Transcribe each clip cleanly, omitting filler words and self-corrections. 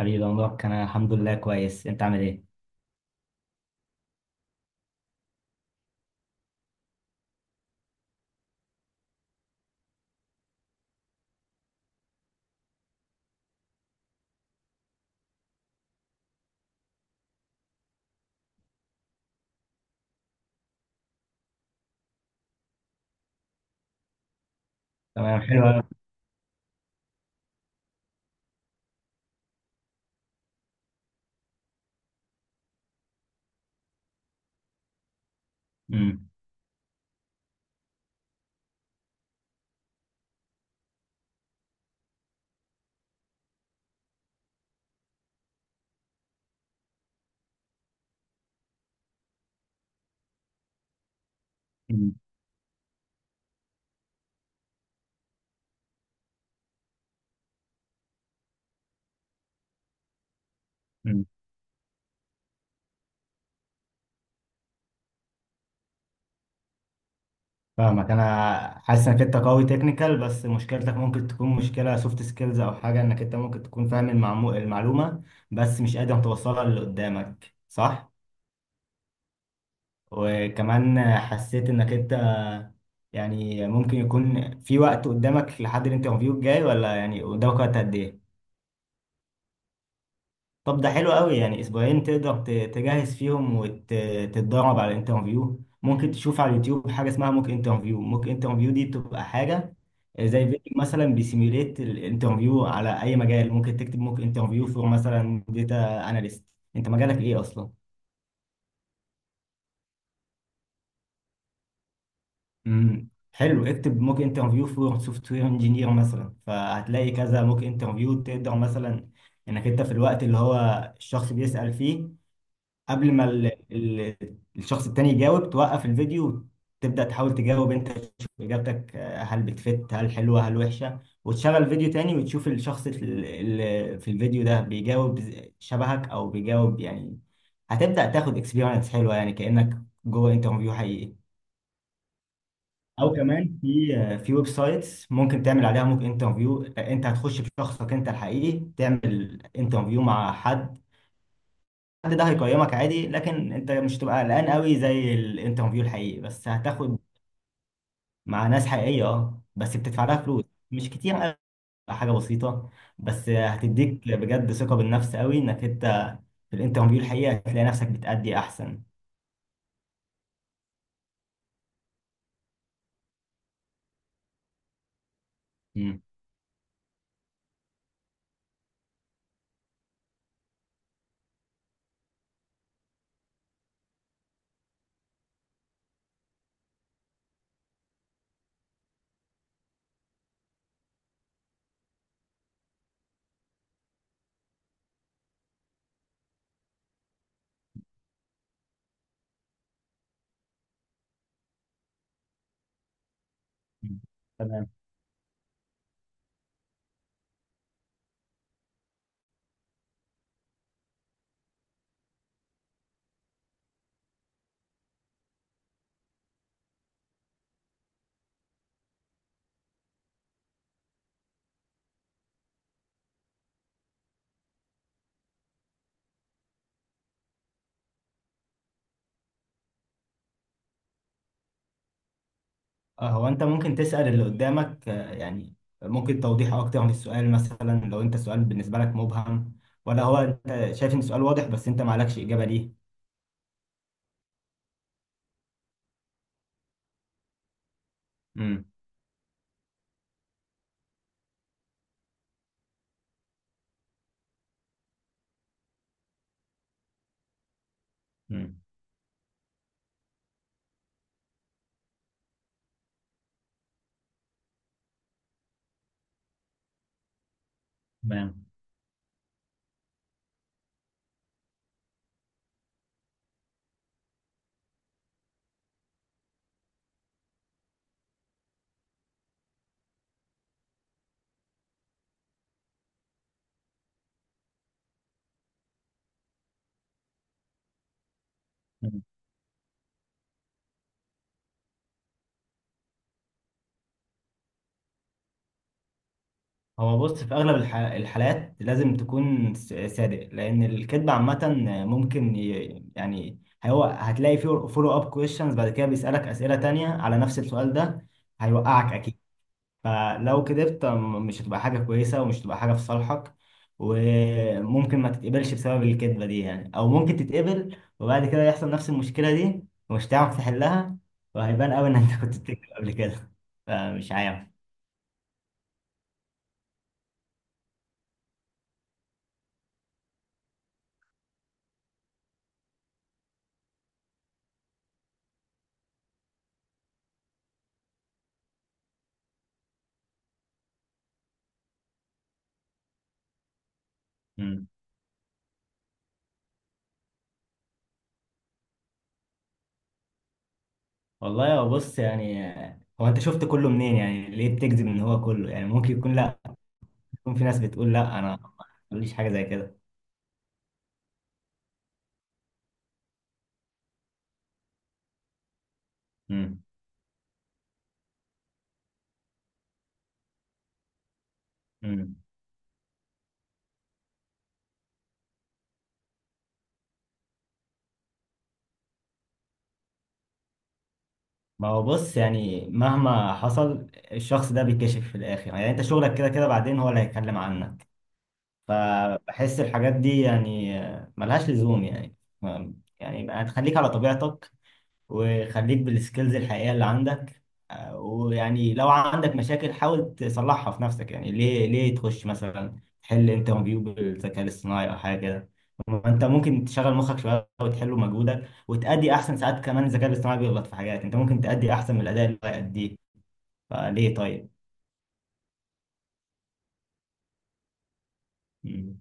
حبيبي يا مبارك، انا الحمد لله كويس. انت عامل ايه؟ تمام، حلو أوي. امم أمم، أمم. فاهمك. انا حاسس انك انت قوي تكنيكال، بس مشكلتك ممكن تكون مشكله سوفت سكيلز، او حاجه انك انت ممكن تكون فاهم المعلومه بس مش قادر توصلها للي قدامك، صح؟ وكمان حسيت انك انت يعني ممكن يكون في وقت قدامك لحد الانترفيو الجاي، ولا يعني قدامك وقت قد ايه؟ طب ده حلو قوي، يعني اسبوعين تقدر تجهز فيهم وتتدرب على الانترفيو. ممكن تشوف على اليوتيوب حاجه اسمها موك انترفيو. موك انترفيو دي بتبقى حاجه زي فيديو مثلا بيسيميوليت الانترفيو على اي مجال. ممكن تكتب موك انترفيو فور مثلا داتا اناليست. انت مجالك ايه اصلا؟ امم، حلو. اكتب موك انترفيو فور سوفت وير انجينير مثلا، فهتلاقي كذا موك انترفيو. تقدر مثلا انك انت في الوقت اللي هو الشخص بيسأل فيه، قبل ما الشخص التاني يجاوب، توقف الفيديو وتبدأ تحاول تجاوب انت، تشوف اجابتك هل هل حلوة هل وحشة. وتشغل فيديو تاني وتشوف الشخص في الفيديو ده بيجاوب شبهك او بيجاوب يعني. هتبدأ تاخد اكسبيرينس حلوة يعني، كأنك جوه انترفيو حقيقي. او كمان في في ويب سايتس ممكن تعمل عليها موك انترفيو. انت هتخش بشخصك انت الحقيقي تعمل انترفيو مع حد. حد ده هيقيمك عادي، لكن انت مش هتبقى قلقان قوي زي الانترفيو الحقيقي، بس هتاخد مع ناس حقيقية، اه، بس بتدفع لها فلوس. مش كتير قوي، حاجة بسيطة، بس هتديك بجد ثقة بالنفس قوي، انك انت في الانترفيو الحقيقي هتلاقي نفسك بتأدي احسن. مم. مم. تمام. اه، هو انت ممكن تسأل اللي قدامك يعني ممكن توضيح اكتر في السؤال، مثلا لو انت السؤال بالنسبة لك مبهم، ولا هو انت شايف ان السؤال واضح بس انت معلكش إجابة ليه. مم. مم. تمام. هو بص، في اغلب الحالات لازم تكون صادق، لان الكذب عامه ممكن يعني، هو هتلاقي فيه فولو اب كويشنز بعد كده بيسالك اسئله تانية على نفس السؤال ده، هيوقعك اكيد. فلو كذبت مش هتبقى حاجه كويسه، ومش هتبقى حاجه في صالحك. وممكن ما تتقبلش بسبب الكذبه دي يعني، او ممكن تتقبل وبعد كده يحصل نفس المشكله دي ومش هتعرف تحلها. وهيبان قوي ان انت كنت بتكذب قبل كده، فمش عارف. والله يا بص، يعني هو انت شفت كله منين يعني؟ ليه بتكذب ان هو كله؟ يعني ممكن يكون لا، يكون في ناس بتقول لا انا ما ماليش حاجه زي كده. امم. امم. ما هو بص، يعني مهما حصل الشخص ده بيكشف في الاخر يعني. انت شغلك كده كده بعدين، هو اللي هيتكلم عنك. فبحس الحاجات دي يعني ملهاش لزوم يعني. يعني يبقى تخليك على طبيعتك، وخليك بالسكيلز الحقيقية اللي عندك. ويعني لو عندك مشاكل حاول تصلحها في نفسك. يعني ليه ليه تخش مثلا تحل انترفيو بالذكاء الاصطناعي او حاجة كده؟ ما انت ممكن تشغل مخك شوية وتحله مجهودك وتأدي احسن. ساعات كمان الذكاء الاصطناعي بيغلط في حاجات انت ممكن تأدي احسن من الأداء اللي هو يأديه، فليه طيب؟ مم.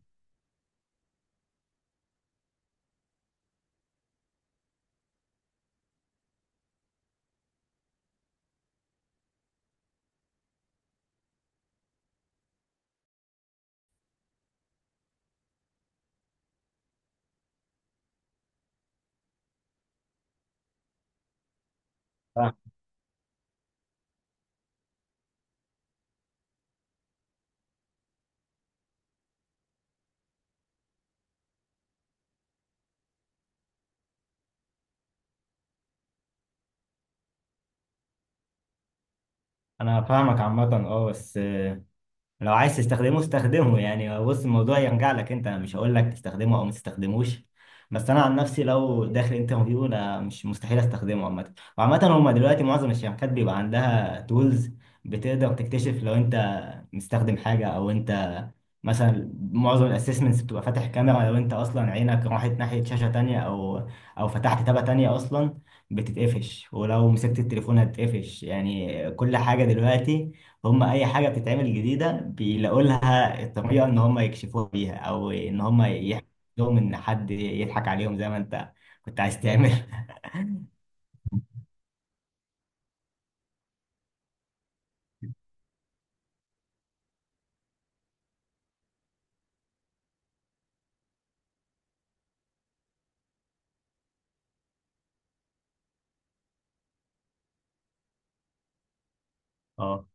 فاهم. انا فاهمك عامة، اه، بس لو عايز تستخدمه استخدمه. يعني بص الموضوع يرجع لك انت، انا مش هقول لك تستخدمه او ما تستخدموش. بس انا عن نفسي لو داخل انترفيو انا مش، مستحيل استخدمه عامه. وعامه هما دلوقتي معظم الشركات بيبقى عندها تولز بتقدر تكتشف لو انت مستخدم حاجه. او انت مثلا معظم الاسسمنتس بتبقى فاتح كاميرا، لو انت اصلا عينك راحت ناحيه شاشه تانية او او فتحت تابه تانية اصلا بتتقفش. ولو مسكت التليفون هتتقفش. يعني كل حاجه دلوقتي، هم اي حاجه بتتعمل جديده بيلاقوا لها الطريقه ان هم يكشفوها بيها، او ان هم يحكوا لهم ان حد يضحك عليهم زي ما انت كنت عايز تعمل اه،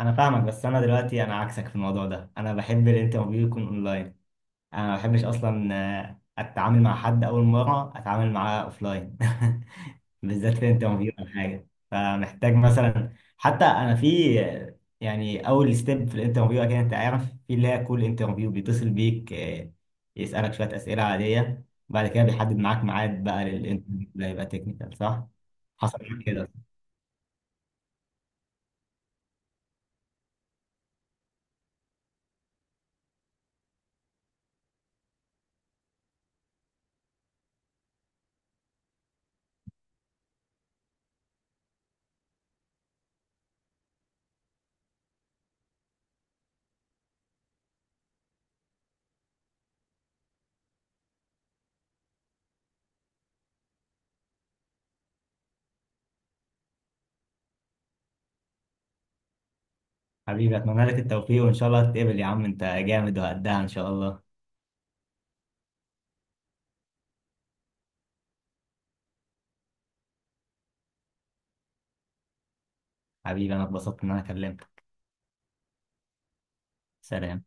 انا فاهمك، بس انا دلوقتي انا عكسك في الموضوع ده. انا بحب الانترفيو يكون اونلاين. انا ما بحبش اصلا اتعامل مع حد اول مره اتعامل معاه اوفلاين بالذات في انترفيو او حاجه. فمحتاج مثلا حتى انا في يعني اول ستيب في الانترفيو اكيد انت عارف، في اللي هي كول انترفيو، بيتصل بيك يسالك شويه اسئله عاديه، بعد كده بيحدد معاك ميعاد بقى للانترفيو، ده يبقى تكنيكال، صح؟ حصل معاك كده؟ حبيبي اتمنى لك التوفيق، وان شاء الله تتقبل. يا عم انت جامد وقدها ان شاء الله. حبيبي انا اتبسطت ان انا كلمتك. سلام.